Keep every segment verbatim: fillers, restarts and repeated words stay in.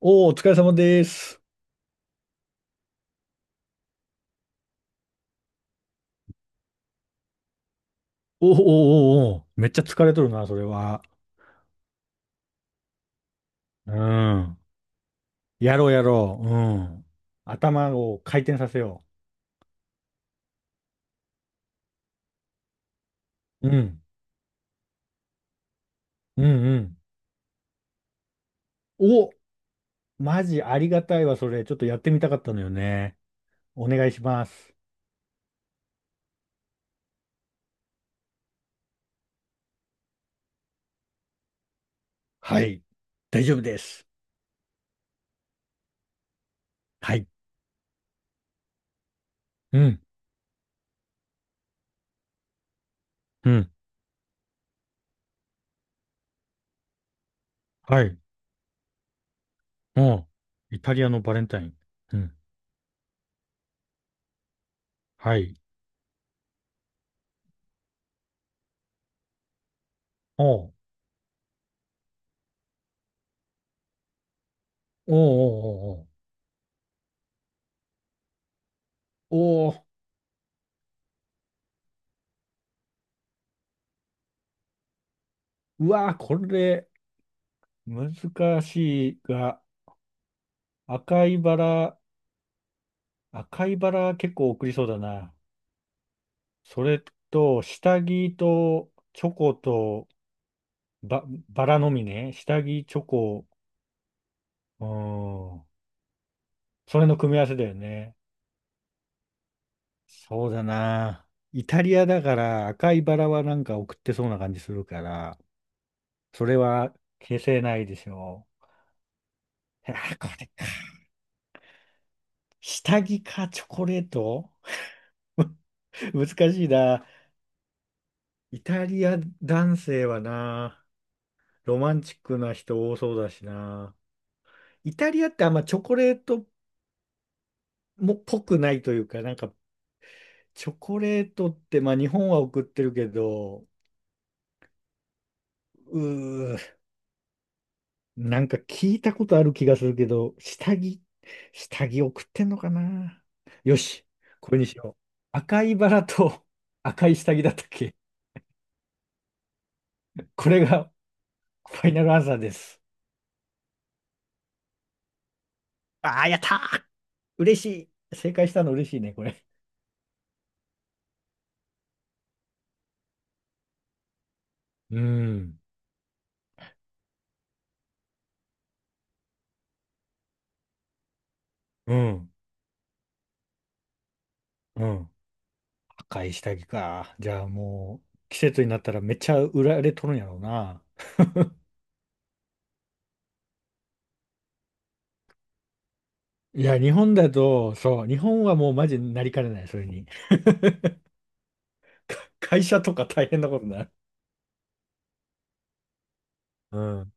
おお、お疲れ様です。おーおー、おお、おーめっちゃ疲れとるな、それは。うん。やろう、やろう。うん。頭を回転させよう。うん。うん、うん。お、マジありがたいわ、それ。ちょっとやってみたかったのよね。お願いします。はい。大丈夫です。はい。うん。うん。はい。おう。イタリアのバレンタイン。うん。はい。おうおうおうおうおうおう。うわー、これ、難しいが。赤いバラ、赤いバラ結構送りそうだな。それと、下着とチョコとバ、バラのみね。下着、チョコ、うん。それの組み合わせだよね。そうだな。イタリアだから赤いバラはなんか送ってそうな感じするから、それは消せないでしょう。あー、これか。下着かチョコレート 難しいな。イタリア男性はな。ロマンチックな人多そうだしな。イタリアってあんまチョコレートもっぽくないというか、なんかチョコレートって、まあ日本は送ってるけど、うー、なんか聞いたことある気がするけど、下着、下着送ってんのかな。よし、これにしよう。赤いバラと 赤い下着だったっけ？これがファイナルアンサーです。ああ、やったー。嬉しい。正解したの嬉しいね、これ。うん、うん、うん。買い下着か。じゃあもう、季節になったらめっちゃ売られとるんやろうな。いや、日本だと、そう、日本はもうマジになりかねない、それに。会社とか大変なことになる。うん。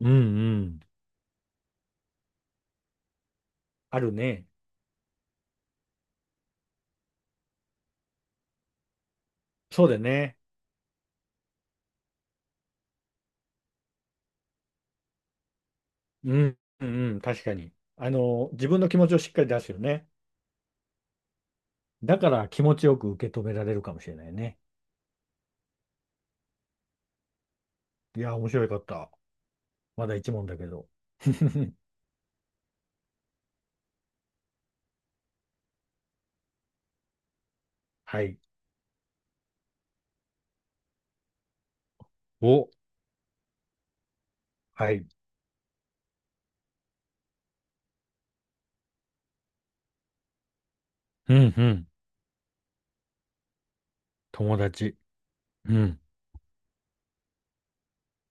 うんうん。あるね。そうだね。うん、うんうん、確かに。あの、自分の気持ちをしっかり出すよね。だから気持ちよく受け止められるかもしれないね。いや、面白かった。まだ一問だけど。はい。お、はい。うんうん。友達。うん。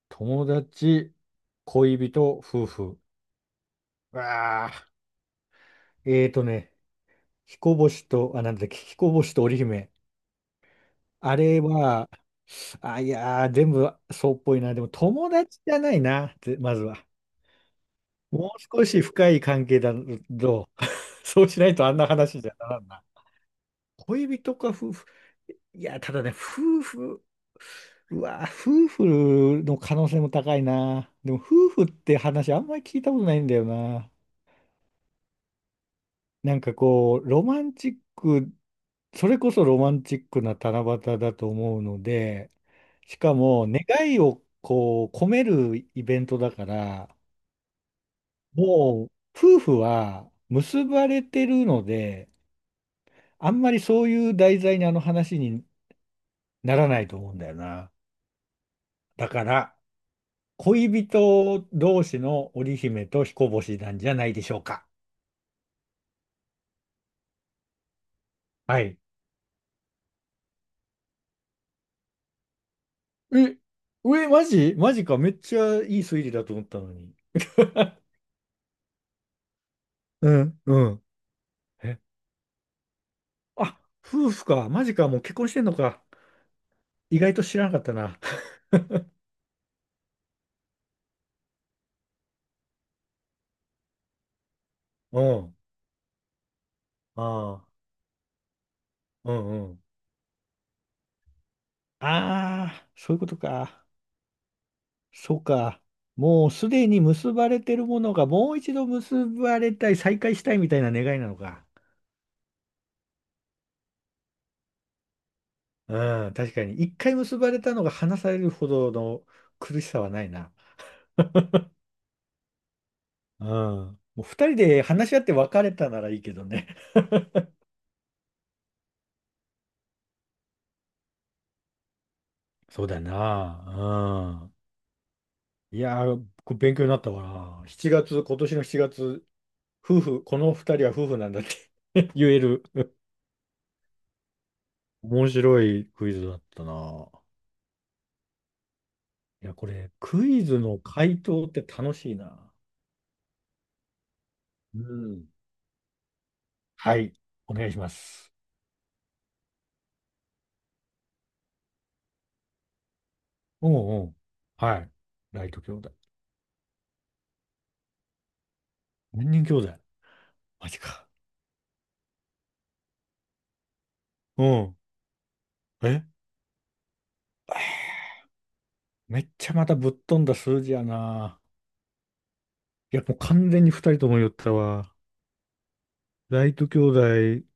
友達、恋人、夫婦。うわあ、えーとね、彦星と、あ、なんだっけ、彦星と織姫。あれは、あ、いやー、全部そうっぽいな。でも友達じゃないな、ぜまずは。もう少し深い関係だと、そうしないとあんな話じゃならんな。恋人か夫婦。いや、ただね、夫婦、うわー、夫婦の可能性も高いな。でも夫婦って話あんまり聞いたことないんだよな。なんかこう、ロマンチック、それこそロマンチックな七夕だと思うので、しかも願いをこう込めるイベントだから、もう夫婦は結ばれてるので、あんまりそういう題材にあの話にならないと思うんだよな。だから、恋人同士の織姫と彦星なんじゃないでしょうか。はい。え、え、マジマジか。めっちゃいい推理だと思ったのに。うん、うん。え、あ、夫婦か。マジか。もう結婚してんのか。意外と知らなかったな。うん。ああ。うんうん。ああ、そういうことか。そうか。もうすでに結ばれてるものがもう一度結ばれたい、再会したいみたいな願いなのか。うん、確かに。一回結ばれたのが離されるほどの苦しさはないな。うん。もう二人で話し合って別れたならいいけどね。そうだな。うん。いやー、これ勉強になったわな。しちがつ、今年のしちがつ、夫婦、この二人は夫婦なんだって 言える。面白いクイズだったな。いや、これ、クイズの回答って楽しいな。うん。はい。お願いします。うんうん。はい。ライト兄弟。何人兄弟？マジか。うん。え、めっちゃまたぶっ飛んだ数字やな。いや、もう完全に二人とも言ったわ。ライト兄弟、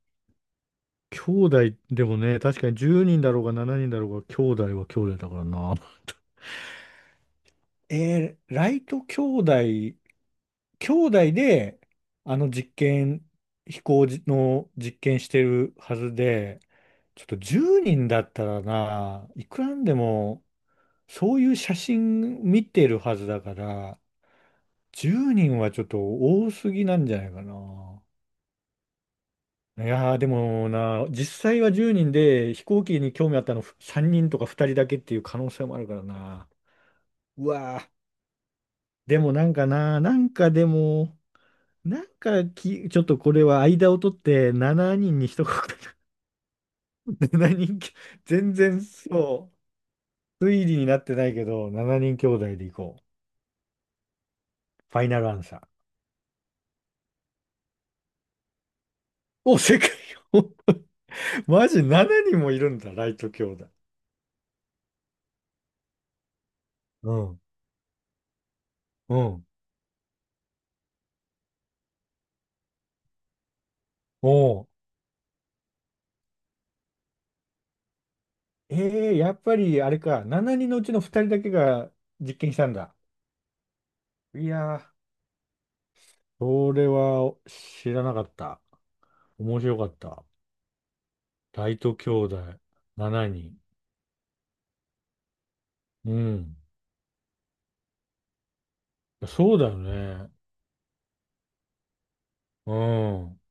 兄弟でもね、確かにじゅうにんだろうがしちにんだろうが、兄弟は兄弟だからな。えーライト兄弟、兄弟で、あの実験、飛行じの実験してるはずで、ちょっとじゅうにんだったらな、いくらなんでも、そういう写真見てるはずだから、じゅうにんはちょっと多すぎなんじゃないかな。いやーでもな、実際はじゅうにんで飛行機に興味あったのさんにんとかふたりだけっていう可能性もあるからな。うわー、でもなんかな、なんかでも、なんかき、ちょっとこれは間を取ってしちにんにんに一言しちにん き、全然そう、推理になってないけど、しちにん兄弟でいこう。ファイナルアンサー。お、世界を マジしちにんもいるんだ、ライト兄弟。うん、うん。おうえー、やっぱりあれか、しちにんのうちのふたりだけが実験したんだ。いやー、それは知らなかった。面白かった。ライト兄弟しちにん。うん。そうだよね。うん。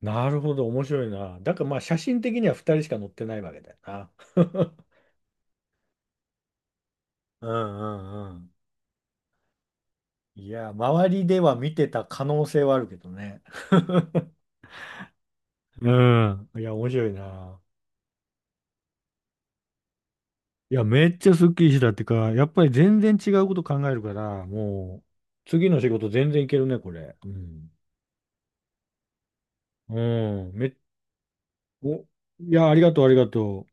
なるほど、面白いな。だからまあ写真的にはふたりしか乗ってないわけだよな。うんうんうん。いや、周りでは見てた可能性はあるけどね。うん。いや、面白いな。いや、めっちゃスッキリしたってか、やっぱり全然違うこと考えるから、もう、次の仕事全然いけるね、これ。うん。うん。め、お、いや、ありがとう、ありがとう。